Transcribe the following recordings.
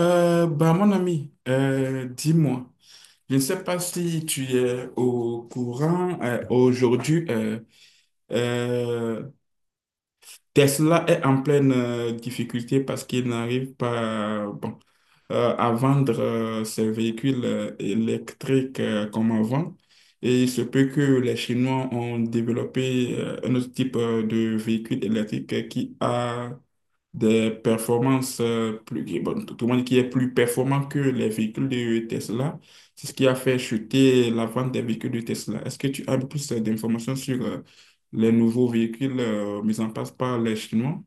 Mon ami, dis-moi, je ne sais pas si tu es au courant, aujourd'hui, euh, Tesla est en pleine difficulté parce qu'il n'arrive pas à vendre ses véhicules électriques comme avant. Et il se peut que les Chinois ont développé un autre type de véhicule électrique qui a des performances tout tout le monde qui est plus performant que les véhicules de Tesla. C'est ce qui a fait chuter la vente des véhicules de Tesla. Est-ce que tu as plus d'informations sur les nouveaux véhicules mis en place par les Chinois?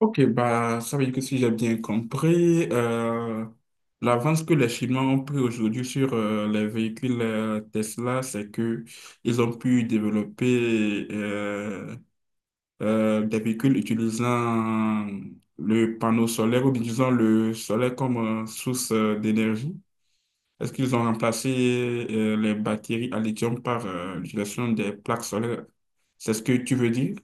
Ok, ça veut dire que si j'ai bien compris, l'avance que les Chinois ont pris aujourd'hui sur les véhicules Tesla, c'est que ils ont pu développer des véhicules utilisant le panneau solaire ou bien disons le solaire comme source d'énergie? Est-ce qu'ils ont remplacé les batteries à lithium par l'utilisation des plaques solaires? C'est ce que tu veux dire?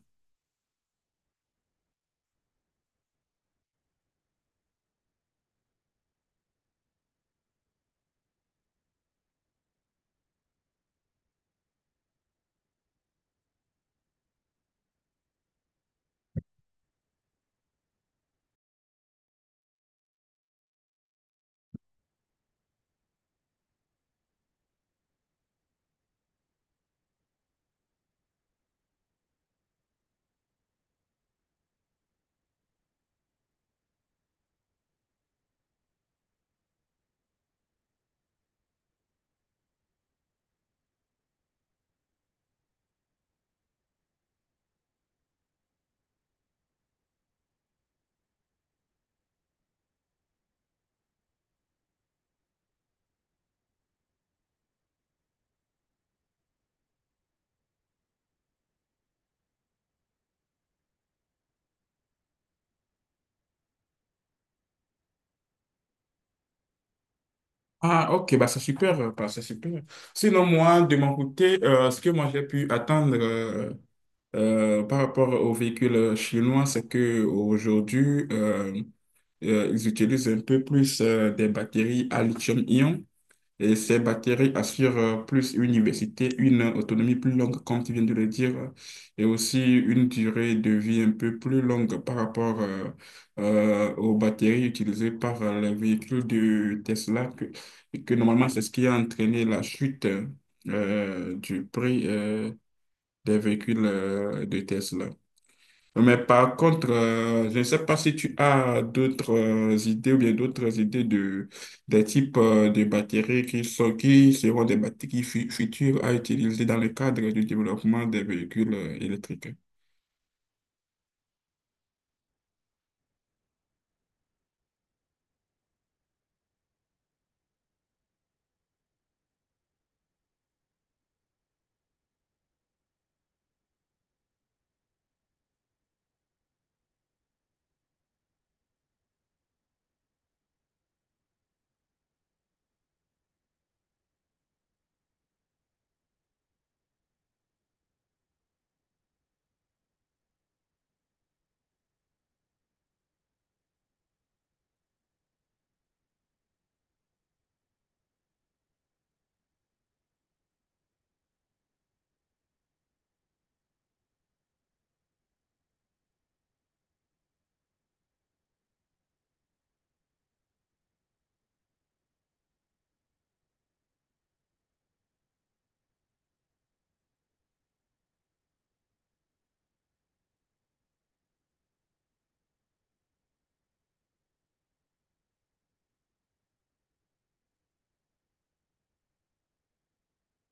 Ah, ok, bah c'est super, c'est super. Sinon, moi, de mon côté, ce que moi j'ai pu attendre par rapport aux véhicules chinois, c'est que aujourd'hui, ils utilisent un peu plus des batteries à lithium-ion. Et ces bactéries assurent plus une diversité, une autonomie plus longue, comme tu viens de le dire, et aussi une durée de vie un peu plus longue par rapport aux bactéries utilisées par les véhicules de Tesla, que normalement c'est ce qui a entraîné la chute du prix des véhicules de Tesla. Mais par contre, je ne sais pas si tu as d'autres idées ou bien d'autres idées de des types de batteries qui sont, qui seront des batteries futures à utiliser dans le cadre du développement des véhicules électriques.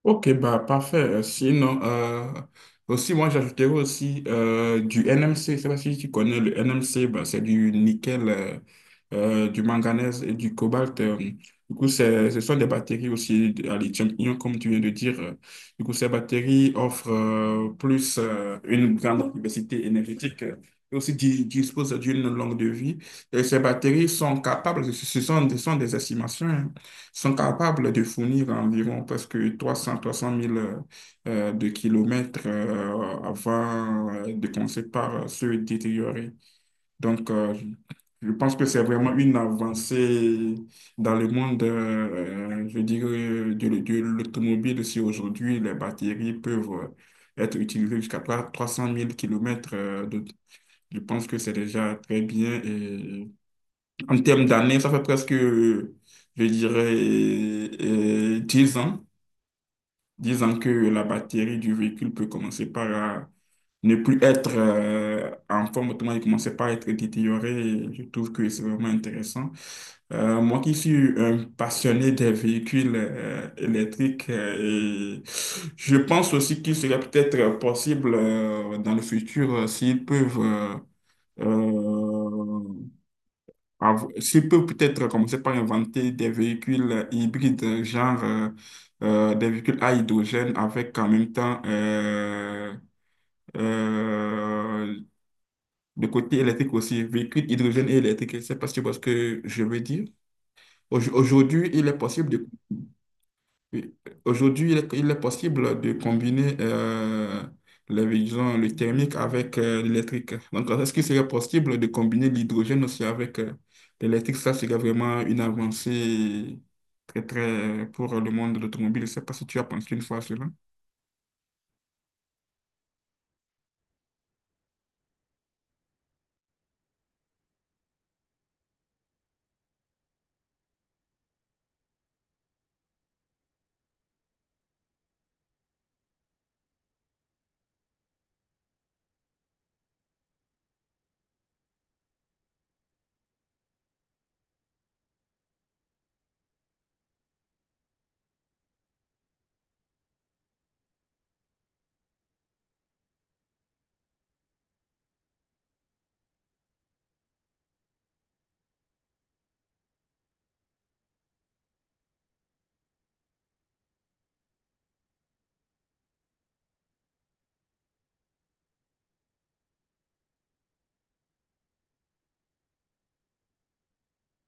Ok, bah parfait. Sinon, aussi, moi j'ajouterais aussi du NMC. Je sais pas si tu connais le NMC, bah, c'est du nickel, du manganèse et du cobalt. Du coup, ce sont des batteries aussi à lithium-ion, comme tu viens de dire. Du coup, ces batteries offrent plus une grande diversité énergétique. Et aussi disposent d'une longue de vie. Et ces batteries sont capables, ce sont des estimations, hein, sont capables de fournir environ presque 300, 300000 de kilomètres avant de commencer par se détériorer. Donc, je pense que c'est vraiment une avancée dans le monde, je dirais, de l'automobile si aujourd'hui les batteries peuvent être utilisées jusqu'à 300000 kilomètres. Je pense que c'est déjà très bien et en termes d'années, ça fait presque, je dirais, 10 ans. 10 ans que la batterie du véhicule peut commencer par ne plus être en forme, autrement, elle commençait par à être détériorée. Et je trouve que c'est vraiment intéressant. Moi qui suis un passionné des véhicules électriques, et je pense aussi qu'il serait peut-être possible dans le futur s'ils peuvent... euh, s'il peut peut-être commencer par inventer des véhicules hybrides, genre des véhicules à hydrogène avec en même temps euh, le côté électrique aussi, véhicules hydrogène et électrique. Je sais pas si tu vois ce que je veux dire. Aujourd'hui, il est possible de oui. Aujourd'hui, il est possible de combiner les disons, le thermique avec l'électrique. Donc, est-ce qu'il serait possible de combiner l'hydrogène aussi avec l'électrique? Ça serait vraiment une avancée très, très pour le monde de l'automobile. Je ne sais pas si tu as pensé une fois à cela.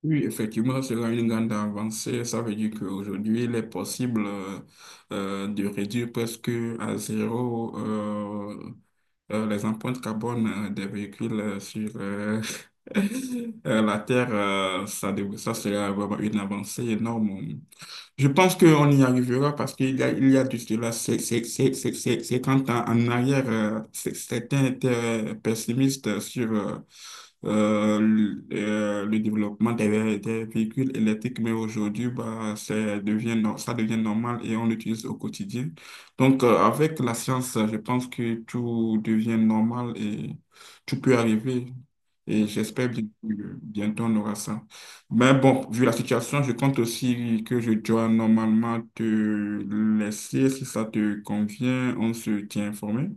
Oui, effectivement, ce sera une grande avancée. Ça veut dire qu'aujourd'hui, il est possible de réduire presque à zéro les empreintes carbone des véhicules sur la Terre. Ça sera vraiment une avancée énorme. Je pense qu'on y arrivera parce qu'il y a de cela 50 ans en arrière, certains étaient pessimistes le développement des, des véhicules électriques, mais aujourd'hui, devient, ça devient normal et on l'utilise au quotidien. Donc, avec la science, je pense que tout devient normal et tout peut arriver. Et j'espère bien que bientôt on aura ça. Mais bon, vu la situation, je compte aussi que je dois normalement te laisser. Si ça te convient, on se tient informé.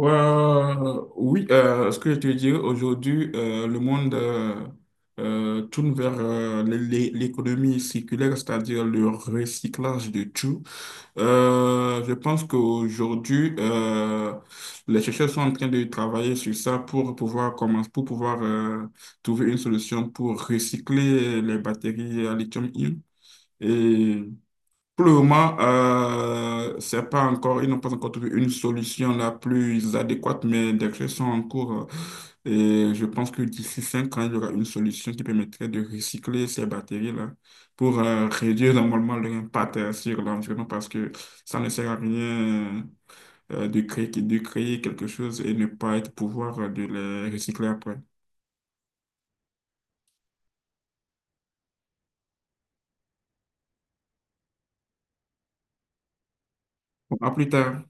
Oui, ce que je te dirais aujourd'hui, le monde tourne vers l'économie circulaire, c'est-à-dire le recyclage de tout. Je pense qu'aujourd'hui, les chercheurs sont en train de travailler sur ça pour pouvoir trouver une solution pour recycler les batteries à lithium-ion. Et pour le moment, c'est pas encore, ils n'ont pas encore trouvé une solution la plus adéquate, mais des recherches sont en cours. Et je pense que d'ici 5 ans, il y aura une solution qui permettrait de recycler ces batteries-là pour réduire normalement leur impact sur l'environnement parce que ça ne sert à rien de créer, de créer quelque chose et ne pas être pouvoir de les recycler après. Bon, à plus tard.